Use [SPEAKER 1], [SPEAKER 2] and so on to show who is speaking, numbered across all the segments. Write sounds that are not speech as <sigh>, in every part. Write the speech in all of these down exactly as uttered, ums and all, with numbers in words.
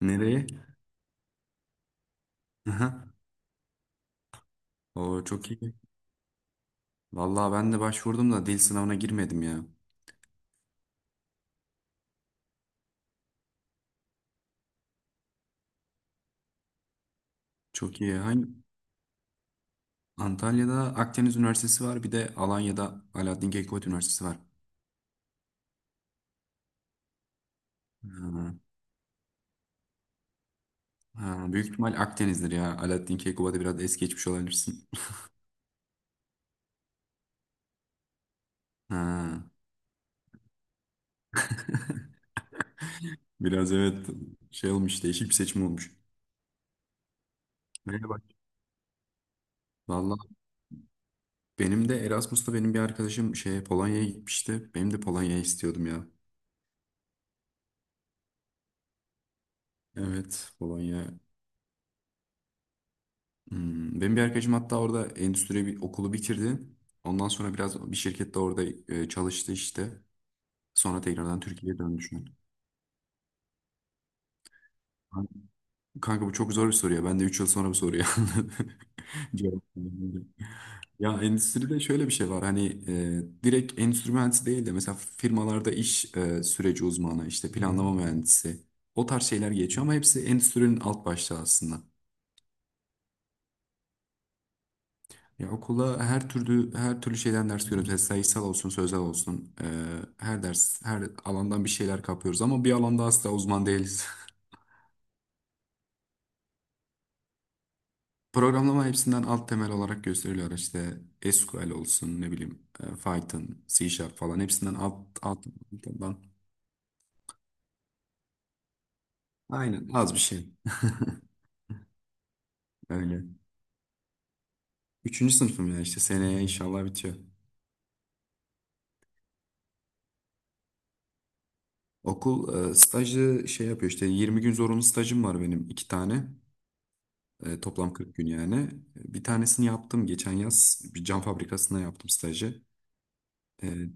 [SPEAKER 1] Nereye? Aha. Oo çok iyi. Vallahi ben de başvurdum da dil sınavına girmedim ya. Çok iyi. Hangi? Antalya'da Akdeniz Üniversitesi var. Bir de Alanya'da Alaaddin Keykubat Üniversitesi var. Ha. Ha, büyük ihtimal Akdeniz'dir ya. Alaaddin Keykubat'ı biraz es geçmiş olabilirsin. <laughs> Ha. Biraz evet şey olmuş, değişik bir seçim olmuş. Merhaba. Valla benim de Erasmus'ta benim bir arkadaşım şey Polonya'ya gitmişti. Benim de Polonya'ya istiyordum ya. Evet, Polonya. Hmm, benim bir arkadaşım hatta orada endüstri bir okulu bitirdi. Ondan sonra biraz bir şirkette orada e, çalıştı işte. Sonra tekrardan Türkiye'ye döndü şu an. Kanka bu çok zor bir soru ya. Ben de üç yıl sonra bu soruyu <laughs> cevap veremiyorum. Ya endüstride şöyle bir şey var. Hani e, direkt endüstri mühendisi değil de mesela firmalarda iş e, süreci uzmanı, işte planlama mühendisi. O tarz şeyler geçiyor ama hepsi endüstrinin alt başlığı aslında. Ya okula her türlü her türlü şeyden ders görüyoruz. Mesela sayısal olsun, sözel olsun. Ee, her ders, her alandan bir şeyler kapıyoruz ama bir alanda asla uzman değiliz. <laughs> Programlama hepsinden alt temel olarak gösteriliyor. İşte S Q L olsun, ne bileyim, e, Python, C Sharp falan hepsinden alt alt altından. Aynen az bir şey. Öyle. Üçüncü sınıfım ya, işte seneye inşallah bitiyor. Okul e, stajı şey yapıyor, işte yirmi gün zorunlu stajım var benim, iki tane. E, toplam kırk gün yani. Bir tanesini yaptım geçen yaz. Bir cam fabrikasına yaptım stajı. E,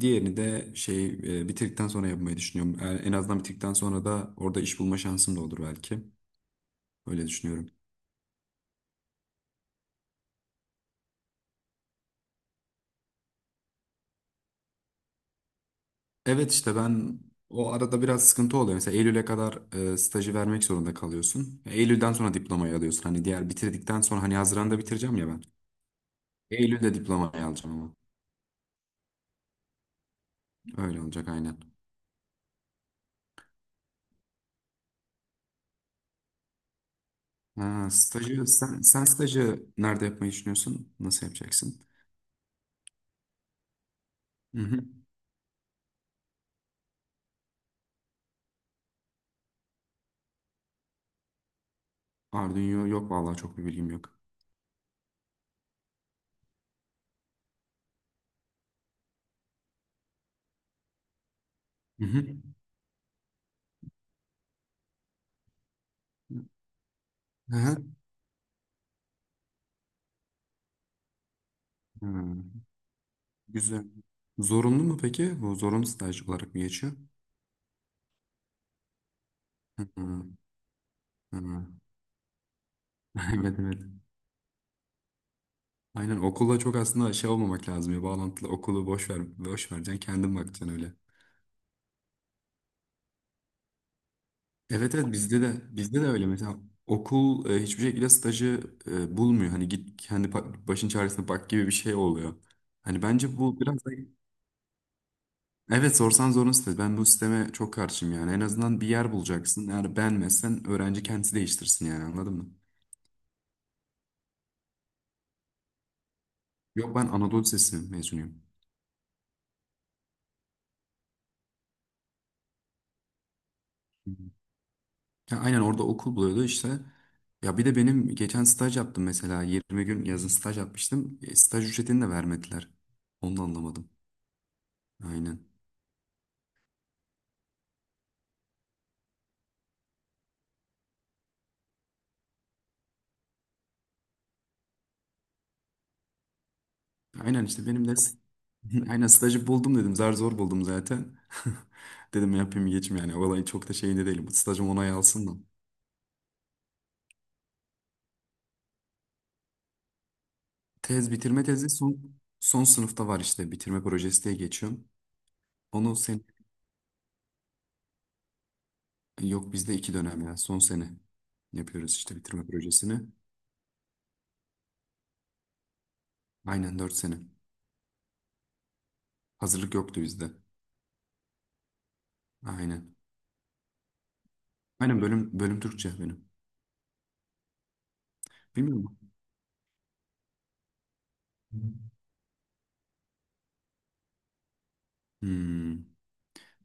[SPEAKER 1] Diğerini de şey e, bitirdikten sonra yapmayı düşünüyorum. E, en azından bitirdikten sonra da orada iş bulma şansım da olur belki. Öyle düşünüyorum. Evet, işte ben o arada biraz sıkıntı oluyor. Mesela Eylül'e kadar e, stajı vermek zorunda kalıyorsun. Eylül'den sonra diplomayı alıyorsun. Hani diğer bitirdikten sonra, hani Haziran'da bitireceğim ya ben. Eylül'de diplomayı alacağım ama. Öyle olacak aynen. Ha, stajı sen, sen stajı nerede yapmayı düşünüyorsun? Nasıl yapacaksın? Hı hı. Arduino yok vallahi, çok bir bilgim yok. Hı hı. Hı hı. Hı. Güzel. Zorunlu mu peki? Bu zorunlu staj olarak mı geçiyor? Hı hı. Hı. <laughs> Evet, evet. Aynen okulla çok aslında şey olmamak lazım ya, bağlantılı, okulu boş ver, boş vereceksin, kendin bakacaksın öyle. Evet evet, bizde de bizde de öyle mesela okul e, hiçbir şekilde stajı e, bulmuyor. Hani git kendi pa- başın çaresine bak gibi bir şey oluyor. Hani bence bu biraz da evet, sorsan zorun site. Ben bu sisteme çok karşıyım yani. En azından bir yer bulacaksın. Eğer beğenmezsen öğrenci kendisi değiştirsin yani, anladın mı? Yok, ben Anadolu Lisesi mezunuyum. Hı hı. Ya aynen, orada okul buluyordu işte. Ya bir de benim geçen staj yaptım mesela. yirmi gün yazın staj yapmıştım. E, staj ücretini de vermediler. Onu da anlamadım. Aynen. Aynen işte benim de <laughs> aynen stajı buldum dedim. Zar zor buldum zaten. <laughs> Dedim yapayım geçim yani. Olayı çok da şeyinde değilim. Stajım onay alsın da. Tez, bitirme tezi son son sınıfta var, işte bitirme projesi diye geçiyorum. Onu sen, yok bizde iki dönem ya, son sene yapıyoruz işte bitirme projesini. Aynen, dört sene. Hazırlık yoktu bizde. Aynen. Aynen bölüm bölüm Türkçe benim. Bilmiyorum. Hmm.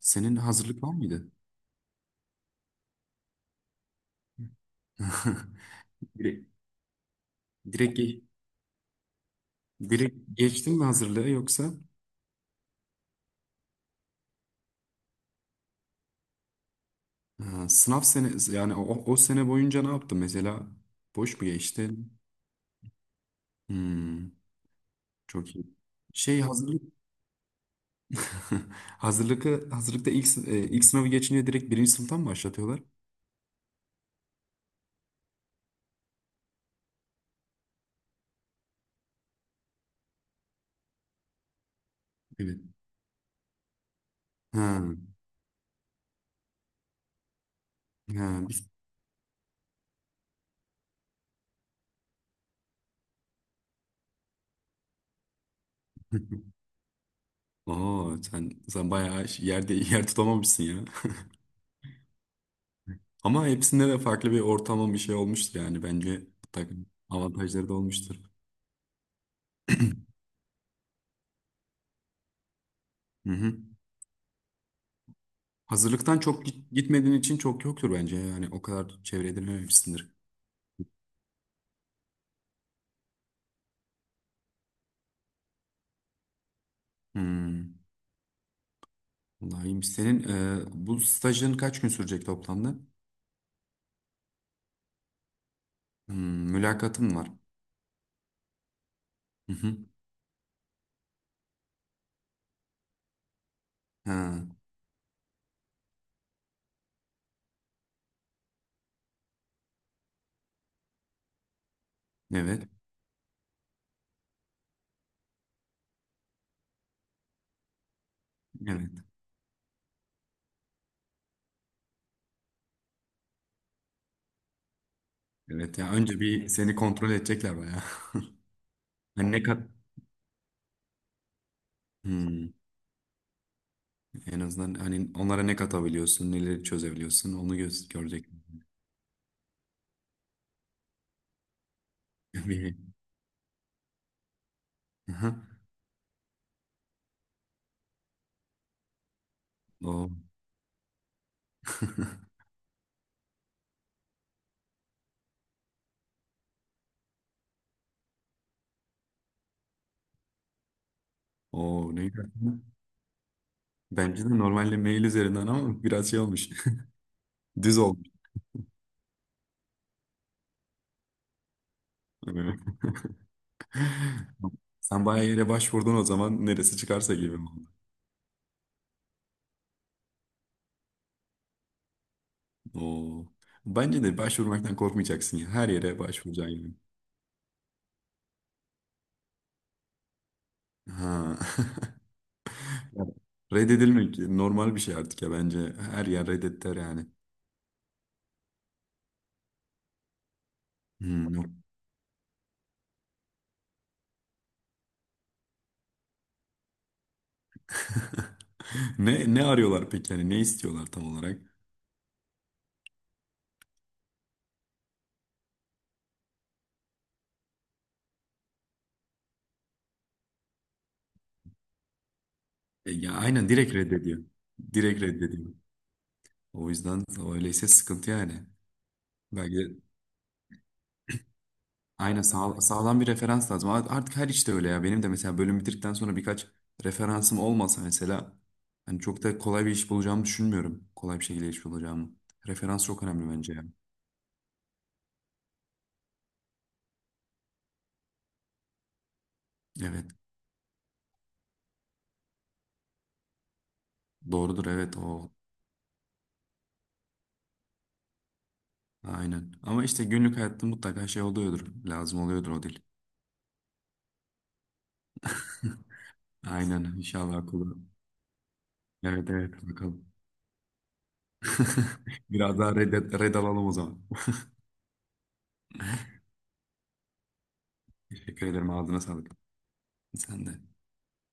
[SPEAKER 1] Senin hazırlık var mıydı? <laughs> Direkt direkt, ge- direkt geçtin mi hazırlığı yoksa ha, sınav sene yani o, o sene boyunca ne yaptın mesela? Boş mu geçtin? Hmm, çok iyi. Şey hazırlık. <laughs> Hazırlıkı, hazırlıkta ilk, sı- e, ilk sınavı geçince direkt birinci sınıftan mı başlatıyorlar? Evet. Ha, ha. <laughs> Oo, sen, sen bayağı yerde yer tutamamışsın ya. Ama hepsinde de farklı bir ortama bir şey olmuştur yani, bence mutlaka avantajları da olmuştur. Hı hı. Hazırlıktan çok git- gitmediğin için çok yoktur bence yani, o kadar çevre edinememişsindir. Hmm. Vallahi iyiymiş. Senin e, bu stajın kaç gün sürecek toplamda? Hmm, mülakatın var. Hı hı. Ha, evet. Evet. Evet ya, önce bir seni kontrol edecekler bayağı. <laughs> Hani ne kat, hmm, en azından hani onlara ne katabiliyorsun, neleri çözebiliyorsun, onu göz görecek. <laughs> Bir- aha, o. <laughs> O ne güzel. Bence de normalde mail üzerinden, ama biraz şey olmuş. <laughs> Düz olmuş. Evet. Sen bayağı yere başvurdun o zaman, neresi çıkarsa gibi mi oldu? Oo. Bence de başvurmaktan korkmayacaksın ya. Her yere başvuracaksın gibi. Ha. <laughs> Yani reddedilmek normal bir şey artık ya bence. Her yer reddetter yani. Hmm, yok. <laughs> Ne ne arıyorlar peki, yani ne istiyorlar tam olarak? E, ya aynen, direkt reddediyor. Direkt reddediyor. O yüzden öyleyse sıkıntı yani. Belki de- aynen, sağ- sağlam bir referans lazım. Art- Artık her işte öyle ya. Benim de mesela bölüm bitirdikten sonra birkaç referansım olmasa mesela hani çok da kolay bir iş bulacağımı düşünmüyorum. Kolay bir şekilde iş bulacağımı. Referans çok önemli bence yani. Evet. Doğrudur, evet, o aynen. Ama işte günlük hayatta mutlaka şey oluyordur. Lazım oluyordur o dil. <laughs> Aynen. İnşallah akıllı. Evet, evet, bakalım. <laughs> Biraz daha red, red alalım o zaman. <laughs> Teşekkür ederim. Ağzına sağlık. Sen de.